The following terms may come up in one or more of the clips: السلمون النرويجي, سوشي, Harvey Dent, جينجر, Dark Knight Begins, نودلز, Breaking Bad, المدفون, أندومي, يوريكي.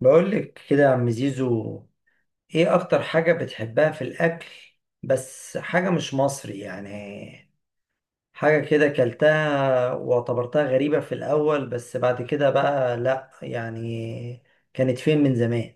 بقول لك كده يا عم زيزو، ايه اكتر حاجة بتحبها في الاكل؟ بس حاجة مش مصري يعني. حاجة كده كلتها واعتبرتها غريبة في الاول بس بعد كده بقى لا يعني. كانت فين من زمان؟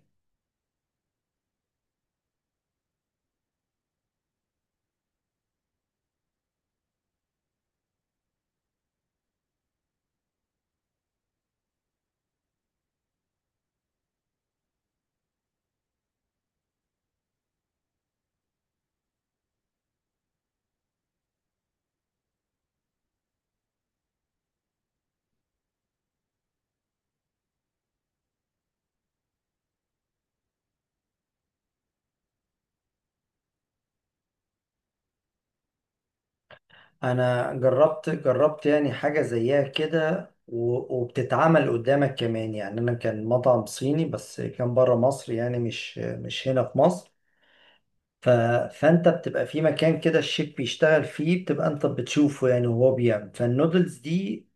انا جربت يعني حاجة زيها كده وبتتعمل قدامك كمان. يعني انا كان مطعم صيني بس كان بره مصر، يعني مش هنا في مصر. ف... فانت بتبقى في مكان كده الشيف بيشتغل فيه، بتبقى انت بتشوفه يعني وهو بيعمل، فالنودلز دي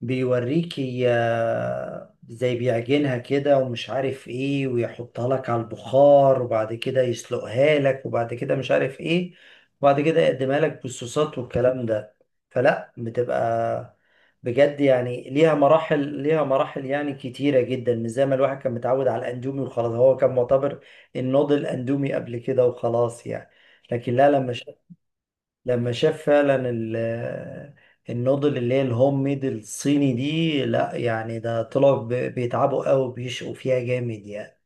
بيوريكي زي بيعجنها كده ومش عارف ايه، ويحطها لك على البخار، وبعد كده يسلقها لك، وبعد كده مش عارف ايه، وبعد كده يقدمها لك بالصوصات والكلام ده. فلا بتبقى بجد يعني ليها مراحل، ليها مراحل يعني كتيرة جدا، مش زي ما الواحد كان متعود على الأندومي وخلاص. هو كان معتبر النوض الأندومي قبل كده وخلاص يعني. لكن لا، لما شاف فعلا النودل اللي هي الهوم ميد الصيني دي، لا يعني ده طلعوا بيتعبوا قوي، بيشقوا فيها جامد يعني.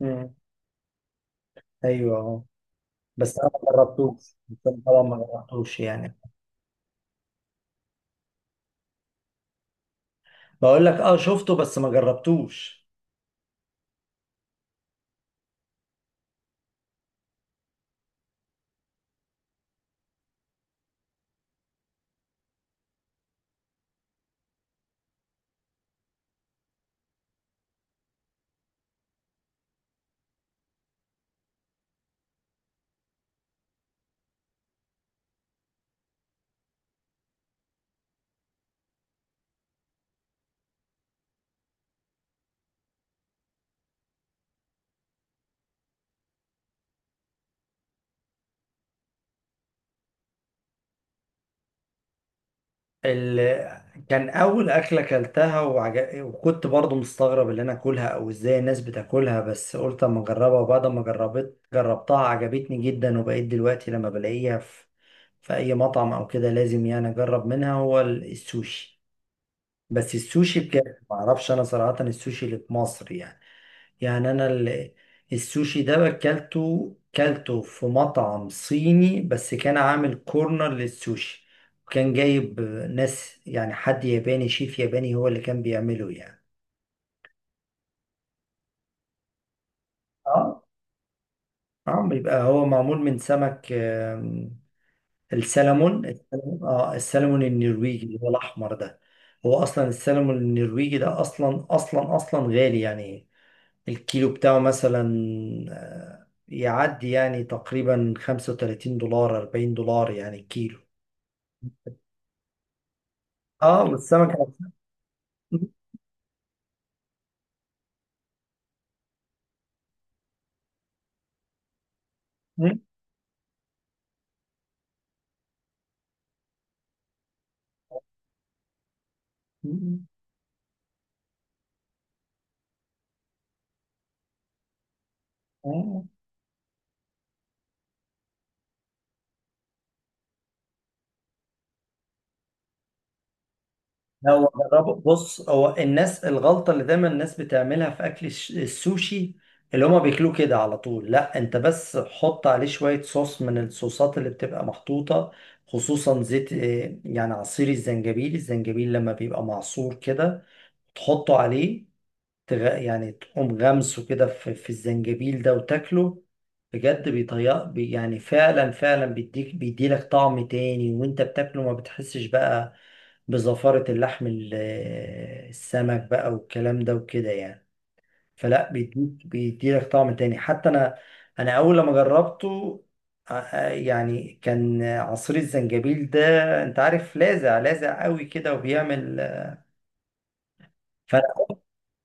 مم. ايوه اهو. بس انا ما جربتوش. بس أنا طبعا ما جربتوش يعني. بقول لك اه، شفته بس ما جربتوش. ال... كان اول اكله اكلتها وكنت برضو مستغرب اللي انا اكلها او ازاي الناس بتاكلها، بس قلت اما اجربها، وبعد ما جربت جربتها عجبتني جدا، وبقيت دلوقتي لما بلاقيها في في اي مطعم او كده لازم يعني اجرب منها. هو السوشي، بس السوشي بجد ما اعرفش انا صراحه السوشي اللي في مصر يعني. يعني السوشي ده اكلته، كلته في مطعم صيني بس كان عامل كورنر للسوشي، وكان جايب ناس يعني حد ياباني، شيف ياباني هو اللي كان بيعمله يعني. اه اه، بيبقى هو معمول من سمك، السلمون، اه السلمون النرويجي اللي هو الاحمر ده. هو اصلا السلمون النرويجي ده اصلا اصلا اصلا غالي يعني. الكيلو بتاعه مثلا يعدي يعني تقريبا $35 $40 يعني الكيلو. اه والسمكة. لا هو جربه، بص هو الناس الغلطة اللي دايما الناس بتعملها في أكل السوشي اللي هما بياكلوه كده على طول. لا انت بس حط عليه شوية صوص من الصوصات اللي بتبقى محطوطة، خصوصا زيت، يعني عصير الزنجبيل. الزنجبيل لما بيبقى معصور كده تحطه عليه، يعني تقوم غمسه كده في الزنجبيل ده وتاكله. بجد يعني فعلا فعلا بيديلك طعم تاني، وانت بتاكله ما بتحسش بقى بزفارة السمك بقى والكلام ده وكده يعني. فلا بيديلك طعم تاني. حتى انا اول لما جربته، يعني كان عصير الزنجبيل ده، انت عارف لاذع، لاذع قوي كده وبيعمل.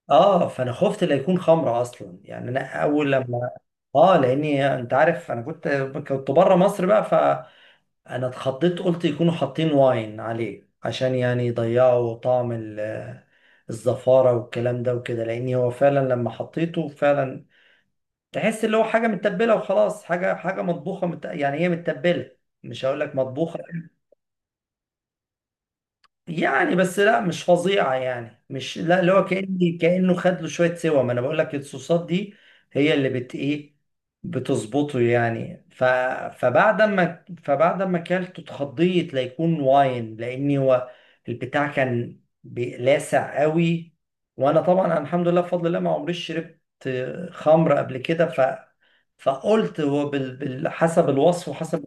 اه فانا خفت لا يكون خمره اصلا، يعني انا اول لما، اه لاني انت عارف انا كنت بره مصر بقى، فانا اتخضيت قلت يكونوا حاطين واين عليه عشان يعني يضيعوا طعم الزفاره والكلام ده وكده، لاني هو فعلا لما حطيته فعلا تحس اللي هو حاجه متبله وخلاص، حاجه مطبوخه، يعني هي متبله، مش هقول لك مطبوخه يعني. بس لا مش فظيعة يعني، مش لا اللي هو كأنه خد له شوية سوا، ما انا بقول لك الصوصات دي هي اللي بت بتظبطه يعني. فبعد ما اكلته اتخضيت ليكون واين، لاني هو البتاع كان لاسع قوي. وانا طبعا، أنا الحمد لله بفضل الله ما عمريش شربت خمر قبل كده. فقلت هو حسب الوصف وحسب.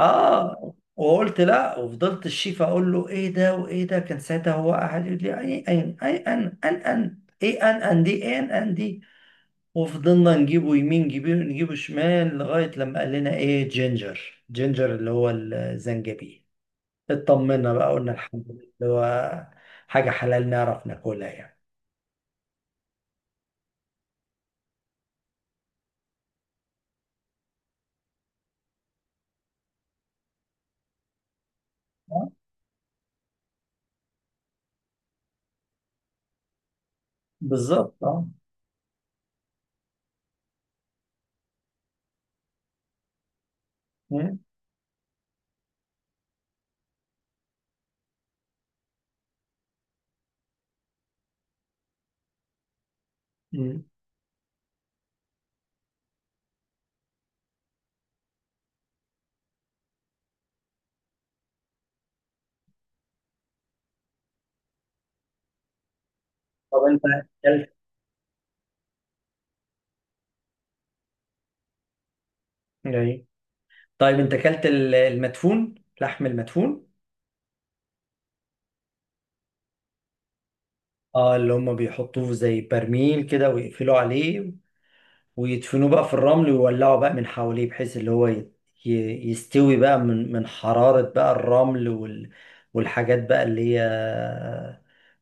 اه وقلت لا، وفضلت الشيف اقول له ايه ده وايه ده، كان ساعتها هو قاعد يقول لي اي اي اي، ان ان ان ايه، ان ان دي ايه، ان ان دي. وفضلنا نجيبه يمين، نجيبه شمال، لغايه لما قال لنا ايه جينجر، جينجر اللي هو الزنجبيل. اطمنا بقى، قلنا الحمد لله اللي هو حاجه حلال نعرف ناكلها يعني. آه، بالظبط اه. مم، مم. طب انت اكلت ايه؟ طيب انت اكلت المدفون، لحم المدفون؟ اه اللي هم بيحطوه زي برميل كده ويقفلوا عليه، ويدفنوه بقى في الرمل، ويولعوا بقى من حواليه بحيث اللي هو يستوي بقى من حرارة بقى الرمل والحاجات بقى اللي هي.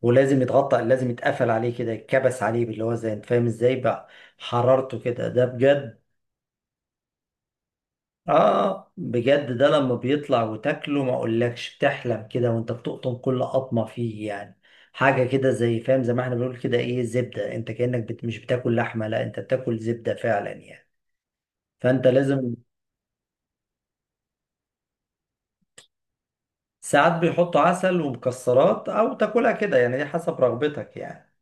ولازم يتغطى، لازم يتقفل عليه كده، يتكبس عليه اللي هو زي، انت فاهم ازاي بقى حرارته كده، ده بجد. اه بجد ده لما بيطلع وتاكله ما اقولكش، بتحلم كده وانت بتقطم كل قطمه فيه يعني. حاجه كده زي فاهم، زي ما احنا بنقول كده ايه، زبده. انت كانك مش بتاكل لحمه، لا انت بتاكل زبده فعلا يعني. فانت لازم. ساعات بيحطوا عسل ومكسرات، او تاكلها كده يعني، دي حسب رغبتك يعني.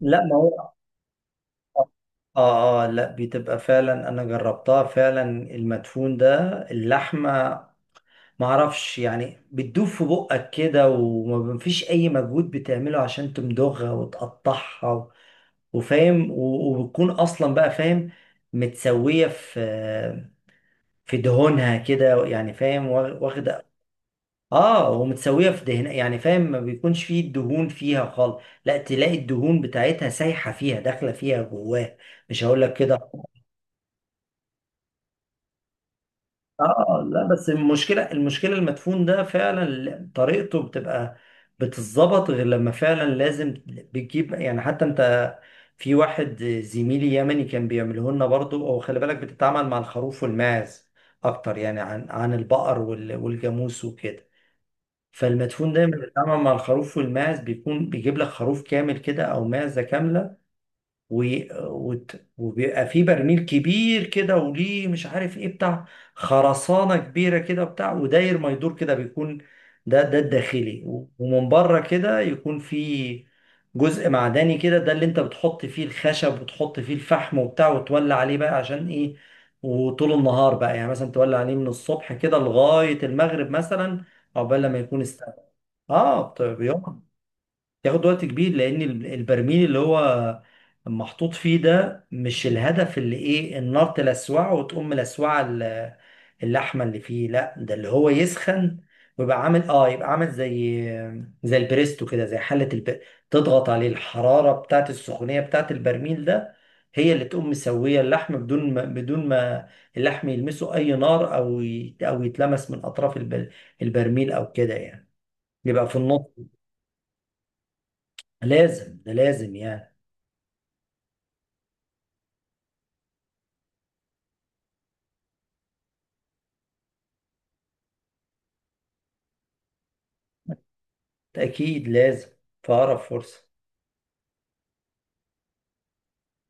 لا ما هو، اه اه لا بتبقى فعلا، انا جربتها فعلا. المدفون ده اللحمه معرفش يعني بتدوب في بقك كده، ومفيش اي مجهود بتعمله عشان تمضغها وتقطعها وفاهم، وبتكون اصلا بقى فاهم متسوية في في دهونها كده يعني، فاهم واخدة. اه ومتسوية في دهن يعني فاهم، ما بيكونش فيه الدهون فيها خالص، لا تلاقي الدهون بتاعتها سايحة فيها داخلة فيها جواها، مش هقول لك كده. اه لا بس المشكله المدفون ده فعلا طريقته بتبقى بتتظبط غير، لما فعلا لازم بتجيب يعني حتى انت. في واحد زميلي يمني كان بيعمله لنا برضه، هو خلي بالك بتتعامل مع الخروف والماعز اكتر يعني عن البقر والجاموس وكده. فالمدفون دايما بيتعامل مع الخروف والماعز، بيكون بيجيب لك خروف كامل كده او معزه كامله. و... وبيبقى في برميل كبير كده، وليه مش عارف ايه بتاع، خرسانة كبيرة كده بتاع، وداير ما يدور كده بيكون، ده ده الداخلي، ومن بره كده يكون في جزء معدني كده، ده اللي انت بتحط فيه الخشب وتحط فيه الفحم وبتاع وتولع عليه بقى عشان ايه. وطول النهار بقى يعني مثلا تولع عليه من الصبح كده لغاية المغرب مثلا، عقبال لما يكون استوى. اه بيقعد ياخد وقت كبير، لان البرميل اللي هو محطوط فيه ده، مش الهدف اللي ايه النار تلسوعه وتقوم ملسوعه اللحمه اللي فيه، لا ده اللي هو يسخن ويبقى عامل، اه يبقى عامل زي زي البريستو كده، زي حله تضغط عليه الحراره بتاعت السخونيه بتاعت البرميل ده، هي اللي تقوم مسويه اللحم، بدون ما اللحم يلمسه اي نار، او يتلمس من اطراف البرميل او كده يعني، يبقى في النص. لازم ده لازم يعني. أكيد لازم، في أقرب فرصة.